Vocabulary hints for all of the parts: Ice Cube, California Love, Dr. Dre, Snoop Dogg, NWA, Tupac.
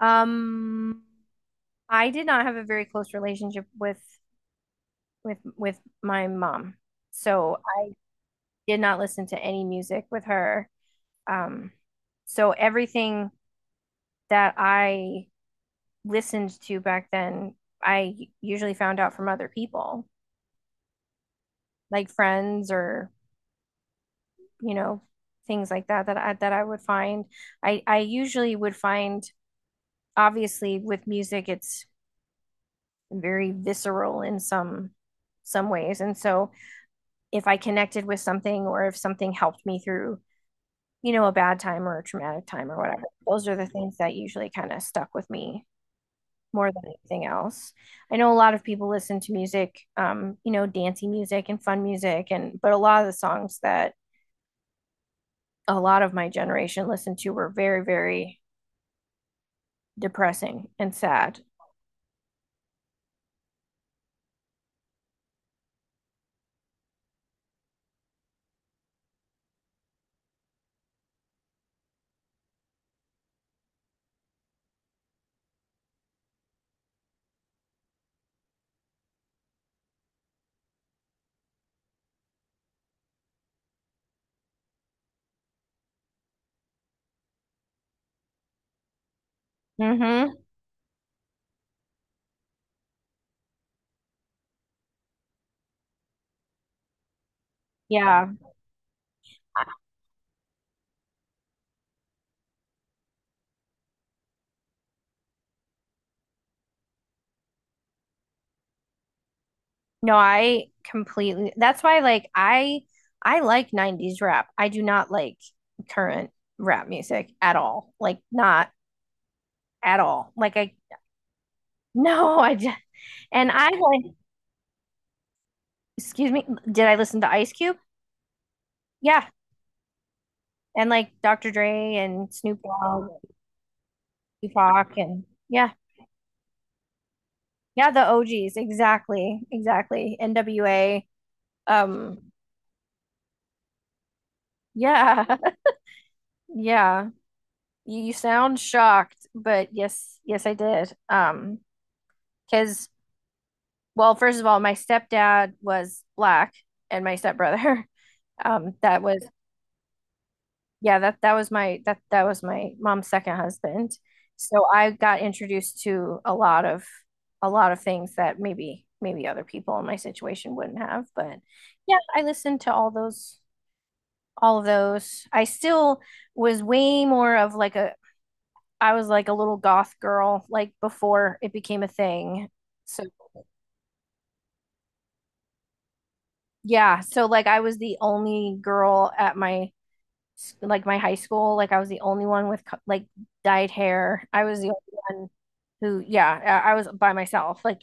Um, I did not have a very close relationship with my mom. So I did not listen to any music with her. Um, so everything that I listened to back then, I usually found out from other people, like friends or, you know, things like that that I would find. I usually would find, obviously with music, it's very visceral in some ways. And so if I connected with something or if something helped me through, a bad time or a traumatic time or whatever. Those are the things that usually kind of stuck with me more than anything else. I know a lot of people listen to music, dancey music and fun music and but a lot of the songs that a lot of my generation listened to were very, very depressing and sad. Mm-hmm. Yeah. I No, I completely. That's why, like, I like 90s rap. I do not like current rap music at all. Like, not at all. Like, I no, I just and I like. Excuse me. Did I listen to Ice Cube? Yeah, and like Dr. Dre and Snoop Dogg, and Tupac, and yeah, yeah, the OGs. Exactly, exactly. NWA. Um, yeah, yeah. You sound shocked, but yes, yes, I did. Because well, first of all, my stepdad was black, and my stepbrother, that was yeah that that was my mom's second husband. So I got introduced to a lot of things that maybe other people in my situation wouldn't have. But yeah, I listened to all those all of those. I still was way more of like a I was like a little goth girl like before it became a thing. So yeah, so like I was the only girl at my like my high school. Like I was the only one with like dyed hair. I was the only one who, yeah, I was by myself. Like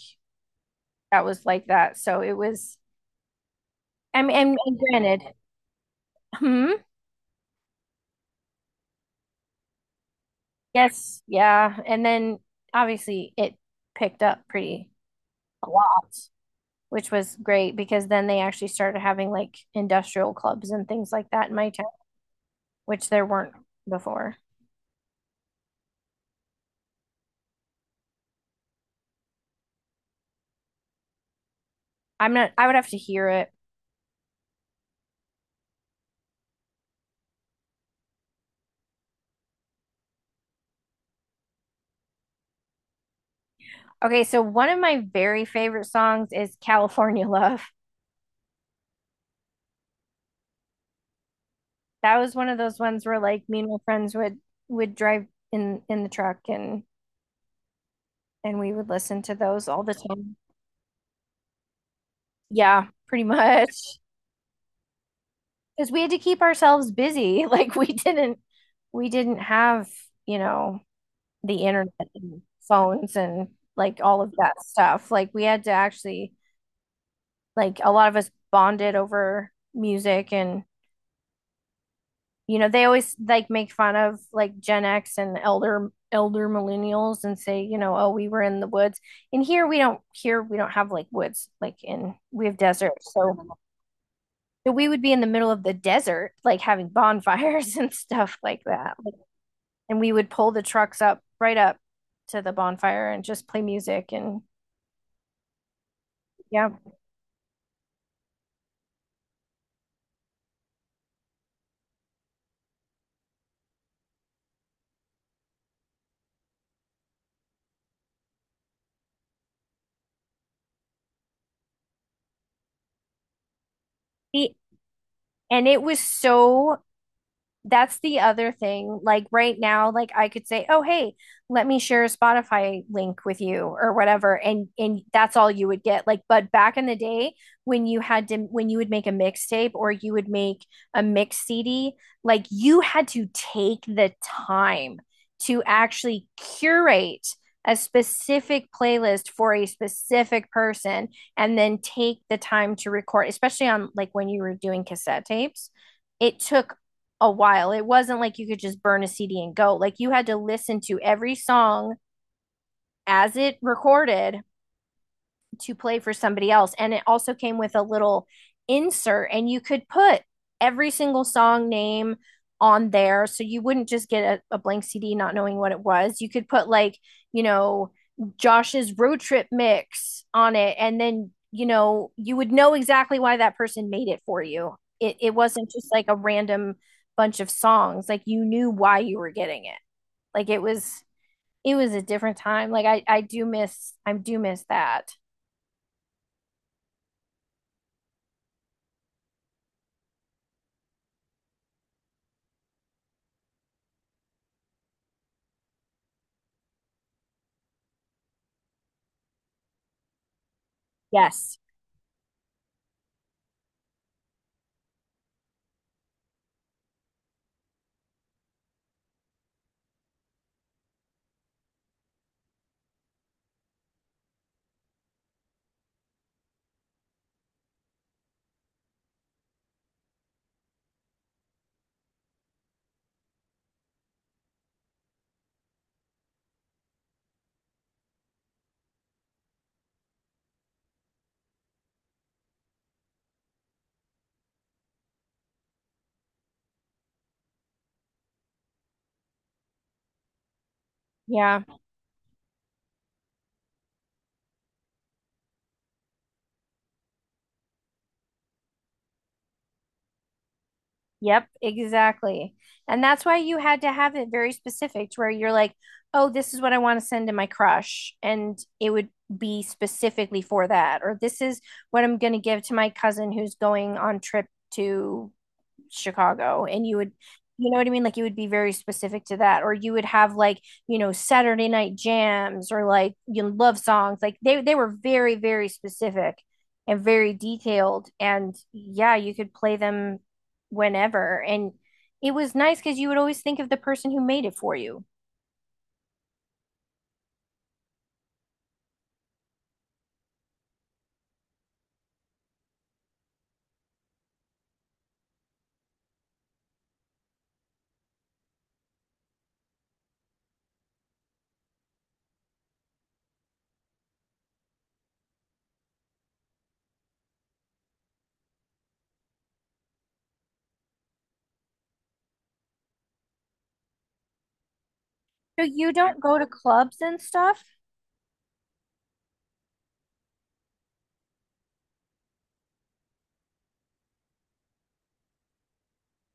that was like that. So it was. I mean, and granted, hmm, yes, yeah, and then obviously it picked up pretty a lot, which was great because then they actually started having like industrial clubs and things like that in my town, which there weren't before. I'm not. I would have to hear it. Okay, so one of my very favorite songs is California Love. That was one of those ones where like me and my friends would drive in the truck and we would listen to those all the time. Yeah, pretty much. Because we had to keep ourselves busy. Like we didn't have, you know, the internet and phones and like all of that stuff. Like we had to actually like a lot of us bonded over music and you know they always like make fun of like gen x and elder millennials and say you know oh we were in the woods and here we don't have like woods like in we have desert so so we would be in the middle of the desert like having bonfires and stuff like that. Like, and we would pull the trucks up right up to the bonfire and just play music and yeah. It- and it was so. That's the other thing. Like right now, like I could say, "Oh, hey, let me share a Spotify link with you or whatever." And that's all you would get. Like but back in the day when you would make a mixtape or you would make a mix CD, like you had to take the time to actually curate a specific playlist for a specific person and then take the time to record, especially on like when you were doing cassette tapes it took a while. It wasn't like you could just burn a CD and go. Like you had to listen to every song as it recorded to play for somebody else. And it also came with a little insert, and you could put every single song name on there. So you wouldn't just get a blank CD not knowing what it was. You could put, like, you know, Josh's road trip mix on it. And then, you would know exactly why that person made it for you. It wasn't just like a random bunch of songs. Like you knew why you were getting it. Like it was a different time. Like I do miss, I do miss that. Yes. Yeah. Yep. Exactly. And that's why you had to have it very specific to where you're like, oh, this is what I want to send to my crush. And it would be specifically for that. Or this is what I'm going to give to my cousin who's going on trip to Chicago and you would you know what I mean? Like you would be very specific to that, or you would have like you know Saturday night jams or like you know, love songs. Like they were very specific and very detailed, and yeah, you could play them whenever, and it was nice because you would always think of the person who made it for you. So you don't go to clubs and stuff.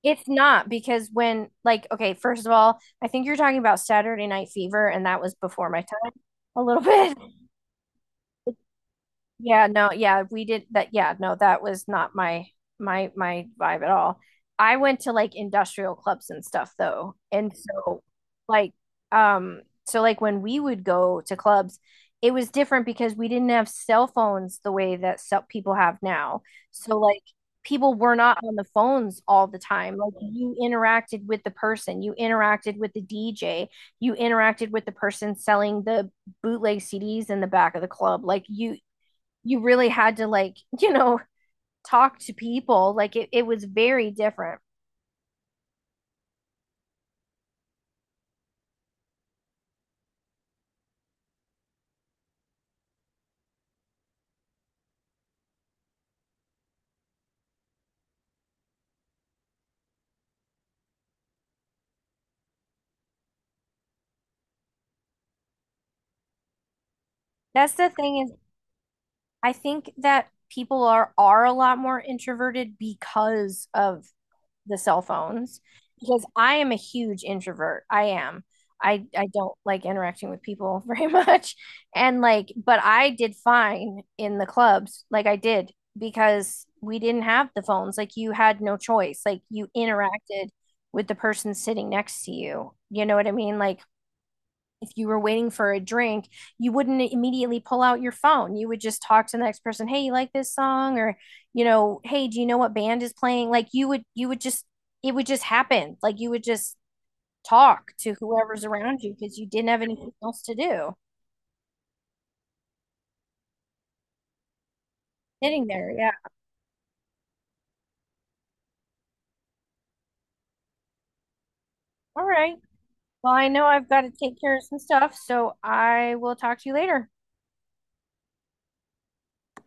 It's not because when like okay, first of all, I think you're talking about Saturday Night Fever, and that was before my time a little bit. Yeah, no, yeah, we did that. Yeah, no, that was not my my vibe at all. I went to like industrial clubs and stuff though. And like um so like when we would go to clubs, it was different because we didn't have cell phones the way that cell people have now. So like people were not on the phones all the time. Like you interacted with the person, you interacted with the DJ, you interacted with the person selling the bootleg CDs in the back of the club. Like you really had to like, you know, talk to people. Like it was very different. That's the thing is I think that people are a lot more introverted because of the cell phones because I am a huge introvert. I am. I don't like interacting with people very much. And like, but I did fine in the clubs. Like I did because we didn't have the phones. Like you had no choice. Like you interacted with the person sitting next to you. You know what I mean? Like if you were waiting for a drink, you wouldn't immediately pull out your phone. You would just talk to the next person, "Hey, you like this song?" or, "Hey, do you know what band is playing?" Like you would just it would just happen. Like you would just talk to whoever's around you because you didn't have anything else to do. Sitting there. Yeah. All right. Well, I know I've got to take care of some stuff, so I will talk to you later.